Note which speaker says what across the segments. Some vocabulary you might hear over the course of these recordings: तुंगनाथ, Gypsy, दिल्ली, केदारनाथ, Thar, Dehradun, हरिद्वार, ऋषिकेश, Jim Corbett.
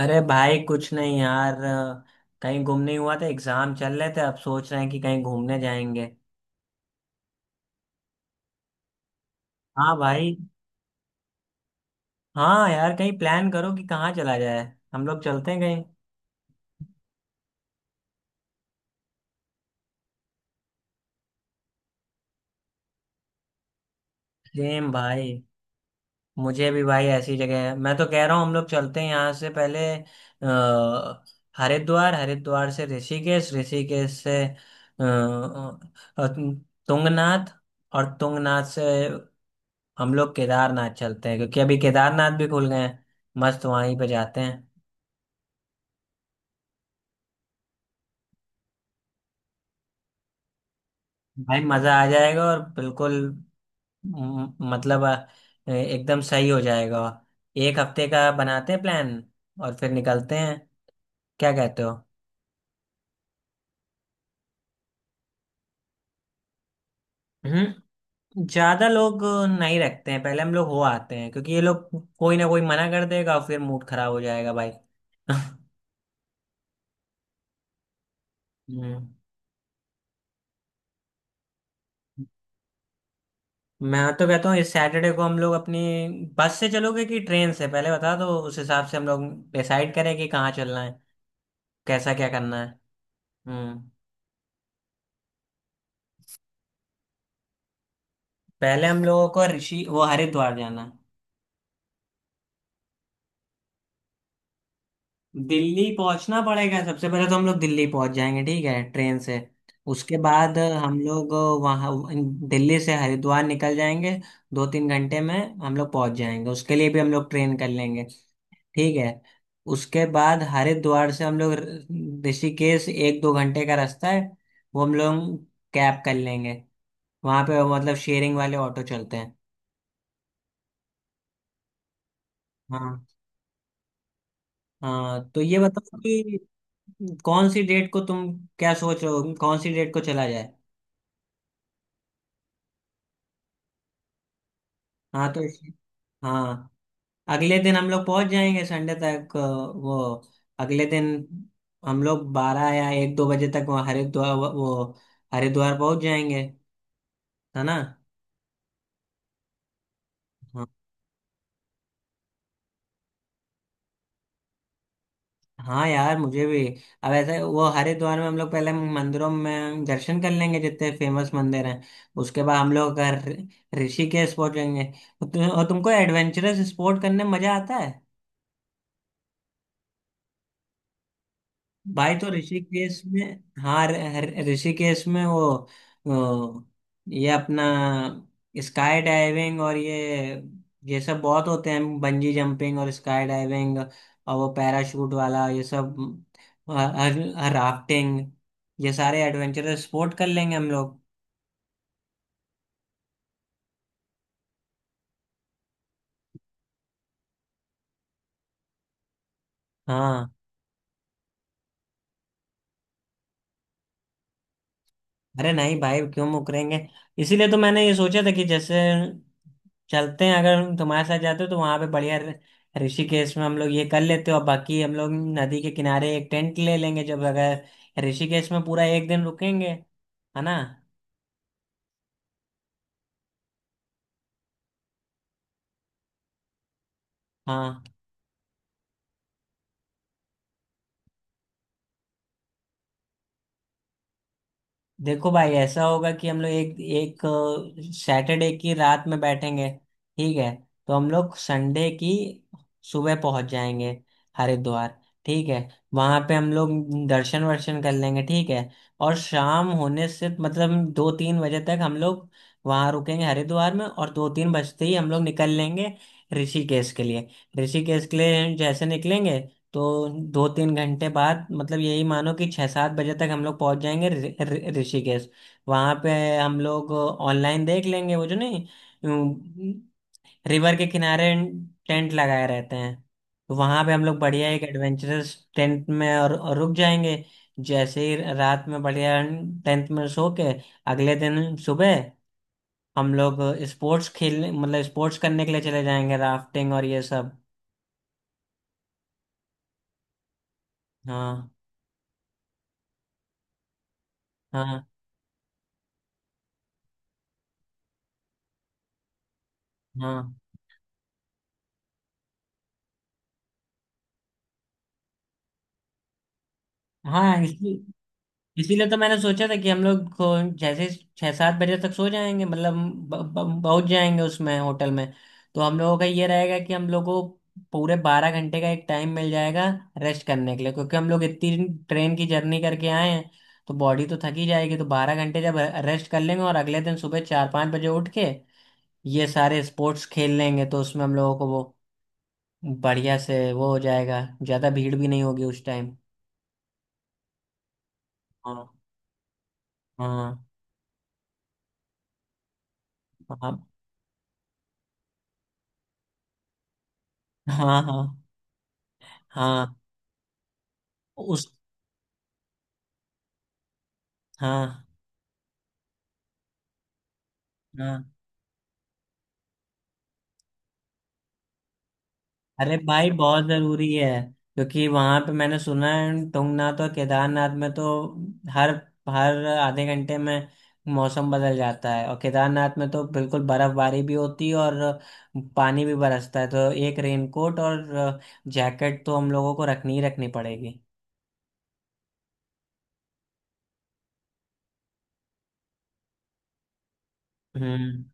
Speaker 1: अरे भाई कुछ नहीं यार, कहीं घूमने हुआ था, एग्जाम चल रहे थे, अब सोच रहे हैं कि कहीं घूमने जाएंगे। हाँ भाई। हाँ यार कहीं प्लान करो कि कहाँ चला जाए। हम लोग चलते हैं कहीं। सेम भाई। मुझे भी भाई, ऐसी जगह है, मैं तो कह रहा हूँ हम लोग चलते हैं यहाँ से पहले अ, हरिद्वार, हरिद्वार से ऋषिकेश, ऋषिकेश से तुंगनाथ, और तुंगनाथ से हम लोग केदारनाथ चलते हैं, क्योंकि अभी केदारनाथ भी खुल गए हैं। मस्त वहीं पे जाते हैं। भाई मजा आ जाएगा, और बिल्कुल मतलब एकदम सही हो जाएगा। एक हफ्ते का बनाते हैं प्लान और फिर निकलते हैं। क्या कहते हो? हम्म। ज्यादा लोग नहीं रखते हैं, पहले हम लोग हो आते हैं, क्योंकि ये लोग कोई ना कोई मना कर देगा और फिर मूड खराब हो जाएगा भाई हम्म। मैं तो कहता हूँ इस सैटरडे को हम लोग अपनी बस से चलोगे कि ट्रेन से पहले बता दो, उस हिसाब से हम लोग डिसाइड करें कि कहाँ चलना है, कैसा क्या करना है। हम्म। पहले हम लोगों को ऋषि वो हरिद्वार जाना है। दिल्ली पहुंचना पड़ेगा सबसे पहले, तो हम लोग दिल्ली पहुंच जाएंगे ठीक है, ट्रेन से। उसके बाद हम लोग वहाँ दिल्ली से हरिद्वार निकल जाएंगे, 2-3 घंटे में हम लोग पहुंच जाएंगे, उसके लिए भी हम लोग ट्रेन कर लेंगे ठीक है। उसके बाद हरिद्वार से हम लोग ऋषिकेश, 1-2 घंटे का रास्ता है, वो हम लोग कैब कर लेंगे। वहां पे मतलब शेयरिंग वाले ऑटो चलते हैं। हाँ। हाँ तो ये बताओ कि कौन सी डेट को तुम क्या सोच रहे हो, कौन सी डेट को चला जाए। हाँ। हाँ, अगले दिन हम लोग पहुंच जाएंगे संडे तक वो, अगले दिन हम लोग 12 या 1-2 बजे तक वो हरिद्वार, वो हरिद्वार पहुंच जाएंगे, है ना? हाँ। हाँ यार मुझे भी। अब ऐसे वो, हरिद्वार में हम लोग पहले मंदिरों में दर्शन कर लेंगे जितने फेमस मंदिर हैं, उसके बाद हम लोग ऋषिकेश पहुंचेंगे, और और तुमको एडवेंचरस स्पोर्ट करने में मजा आता है? भाई तो ऋषिकेश में। हाँ, ऋषिकेश में वो वो, ये अपना स्काई डाइविंग और ये सब बहुत होते हैं, बंजी जंपिंग और स्काई डाइविंग और वो पैराशूट वाला, ये सब, राफ्टिंग, ये सारे एडवेंचरस स्पोर्ट कर लेंगे हम लोग। हाँ। अरे नहीं भाई, क्यों मुकरेंगे। इसीलिए तो मैंने ये सोचा था कि जैसे चलते हैं, अगर तुम्हारे साथ जाते हो तो वहां पे बढ़िया ऋषिकेश में हम लोग ये कर लेते हो, और बाकी हम लोग नदी के किनारे एक टेंट ले लेंगे, जब अगर ऋषिकेश में पूरा एक दिन रुकेंगे, है ना? हाँ। देखो भाई ऐसा होगा कि हम लोग एक एक सैटरडे की रात में बैठेंगे ठीक है, तो हम लोग संडे की सुबह पहुंच जाएंगे हरिद्वार ठीक है, वहां पे हम लोग दर्शन वर्शन कर लेंगे ठीक है, और शाम होने से मतलब 2-3 बजे तक हम लोग वहां रुकेंगे हरिद्वार में, और 2-3 बजते ही हम लोग निकल लेंगे ऋषिकेश के लिए। ऋषिकेश के लिए जैसे निकलेंगे तो 2-3 घंटे बाद मतलब यही मानो कि 6-7 बजे तक हम लोग पहुंच जाएंगे ऋषिकेश। वहां पे हम लोग ऑनलाइन देख लेंगे, वो जो नहीं रिवर के किनारे टेंट लगाए रहते हैं, तो वहां पे हम लोग बढ़िया एक एडवेंचरस टेंट में और रुक जाएंगे। जैसे ही रात में बढ़िया टेंट में सो के अगले दिन सुबह हम लोग स्पोर्ट्स खेलने मतलब स्पोर्ट्स करने के लिए चले जाएंगे, राफ्टिंग और ये सब। हाँ, हाँ, हाँ, हाँ। इसीलिए तो मैंने सोचा था कि हम लोग को जैसे 6-7 बजे तक सो जाएंगे मतलब पहुंच जाएंगे उसमें होटल में, तो हम लोगों का ये रहेगा कि हम लोगों को पूरे 12 घंटे का एक टाइम मिल जाएगा रेस्ट करने के लिए, क्योंकि हम लोग इतनी ट्रेन की जर्नी करके आए हैं तो बॉडी तो थकी जाएगी, तो 12 घंटे जब रेस्ट कर लेंगे और अगले दिन सुबह 4-5 बजे उठ के ये सारे स्पोर्ट्स खेल लेंगे, तो उसमें हम लोगों को वो बढ़िया से वो हो जाएगा, ज़्यादा भीड़ भी नहीं होगी उस टाइम। हाँ, हाँ, हाँ, हाँ, हाँ। उस हाँ, हाँ। अरे भाई बहुत जरूरी है, क्योंकि वहां पे मैंने सुना है तुंगनाथ और केदारनाथ में तो हर हर आधे घंटे में मौसम बदल जाता है, और केदारनाथ में तो बिल्कुल बर्फबारी भी होती है और पानी भी बरसता है, तो एक रेनकोट और जैकेट तो हम लोगों को रखनी ही रखनी पड़ेगी। हम्म।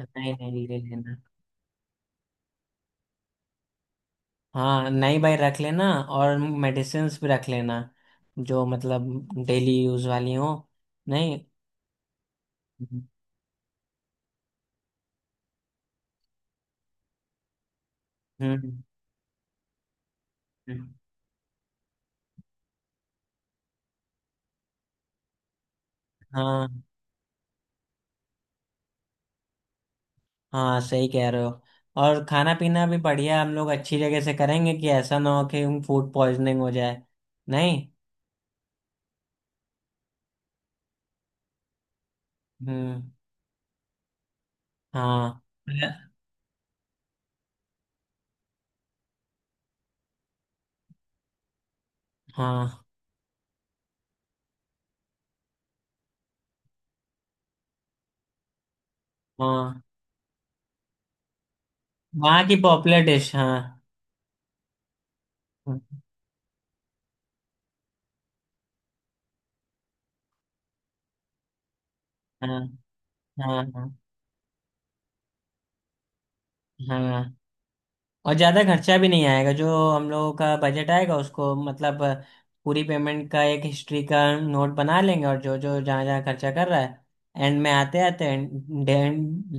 Speaker 1: नहीं, नहीं, ले लेना। हाँ, नहीं भाई, रख लेना, और मेडिसिन्स भी रख लेना, जो मतलब डेली यूज वाली हो। नहीं। हम्म। हम्म। हाँ हाँ सही कह रहे हो, और खाना पीना भी बढ़िया हम लोग अच्छी जगह से करेंगे, कि ऐसा ना हो कि फूड पॉइजनिंग हो जाए। नहीं। हम्म। हाँ, हाँ, हाँ। वहाँ की पॉपुलर डिश, हाँ। हाँ, हाँ, हाँ, हाँ, और ज़्यादा खर्चा भी नहीं आएगा, जो हम लोगों का बजट आएगा उसको मतलब पूरी पेमेंट का एक हिस्ट्री का नोट बना लेंगे, और जो जो जहाँ जहाँ खर्चा कर रहा है एंड में आते आते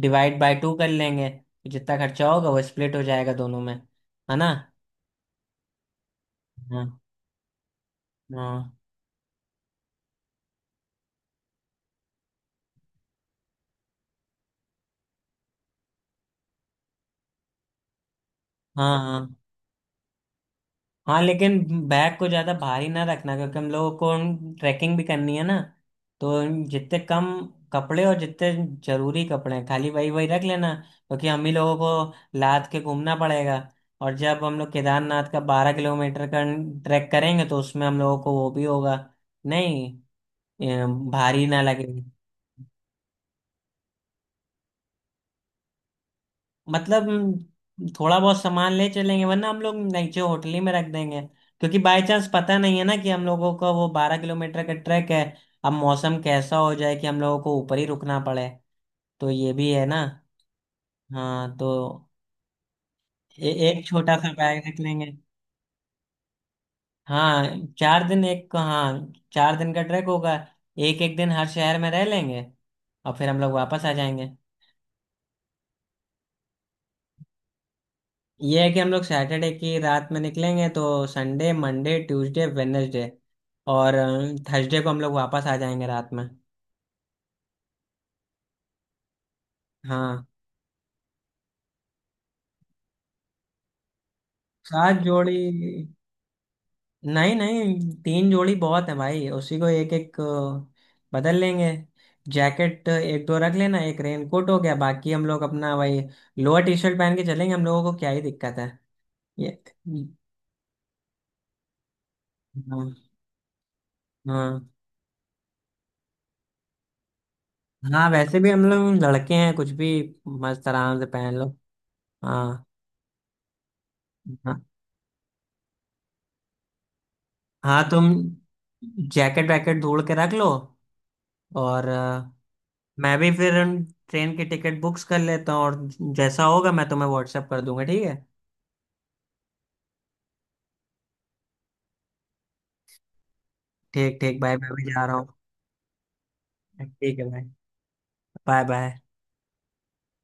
Speaker 1: डिवाइड बाय टू कर लेंगे, तो जितना खर्चा होगा वो स्प्लिट हो जाएगा दोनों में, है ना? हाँ, हाँ, हाँ, हाँ, हाँ, लेकिन बैग को ज्यादा भारी ना रखना, क्योंकि हम लोगों को ट्रैकिंग भी करनी है ना, तो जितने कम कपड़े और जितने जरूरी कपड़े हैं, खाली वही वही रख लेना, क्योंकि हम ही लोगों को लाद के घूमना पड़ेगा, और जब हम लोग केदारनाथ का 12 किलोमीटर का ट्रैक करेंगे तो उसमें हम लोगों को वो भी होगा, नहीं अ, भारी ना लगे। मतलब थोड़ा बहुत सामान ले चलेंगे, वरना हम लोग नीचे होटल ही में रख देंगे, क्योंकि बाय चांस पता नहीं है ना कि हम लोगों का वो 12 किलोमीटर का ट्रैक है, अब मौसम कैसा हो जाए कि हम लोगों को ऊपर ही रुकना पड़े, तो ये भी है ना। हाँ तो एक छोटा सा बैग रख लेंगे। हाँ चार दिन एक हाँ, चार दिन का ट्रैक होगा, एक एक दिन हर शहर में रह लेंगे और फिर हम लोग वापस आ जाएंगे। ये है कि हम लोग सैटरडे की रात में निकलेंगे तो संडे मंडे ट्यूसडे वेडनेसडे और थर्सडे को हम लोग वापस आ जाएंगे रात में। हाँ। 7 जोड़ी? नहीं, नहीं, 3 जोड़ी बहुत है भाई, उसी को एक एक बदल लेंगे। जैकेट एक दो रख लेना, एक रेनकोट हो गया, बाकी हम लोग अपना भाई लोअर टी शर्ट पहन के चलेंगे, हम लोगों को क्या ही दिक्कत है ये। हाँ, हाँ, हाँ, वैसे भी हम लोग लड़के हैं, कुछ भी मस्त आराम से पहन लो। हाँ। हाँ। हाँ तुम जैकेट वैकेट ढूंढ के रख लो, और मैं भी फिर उन ट्रेन की टिकट बुक्स कर लेता हूँ, और जैसा होगा मैं तुम्हें व्हाट्सएप कर दूंगा, ठीक है। ठीक ठीक भाई, मैं भी जा रहा हूँ। ठीक है भाई। Bye bye.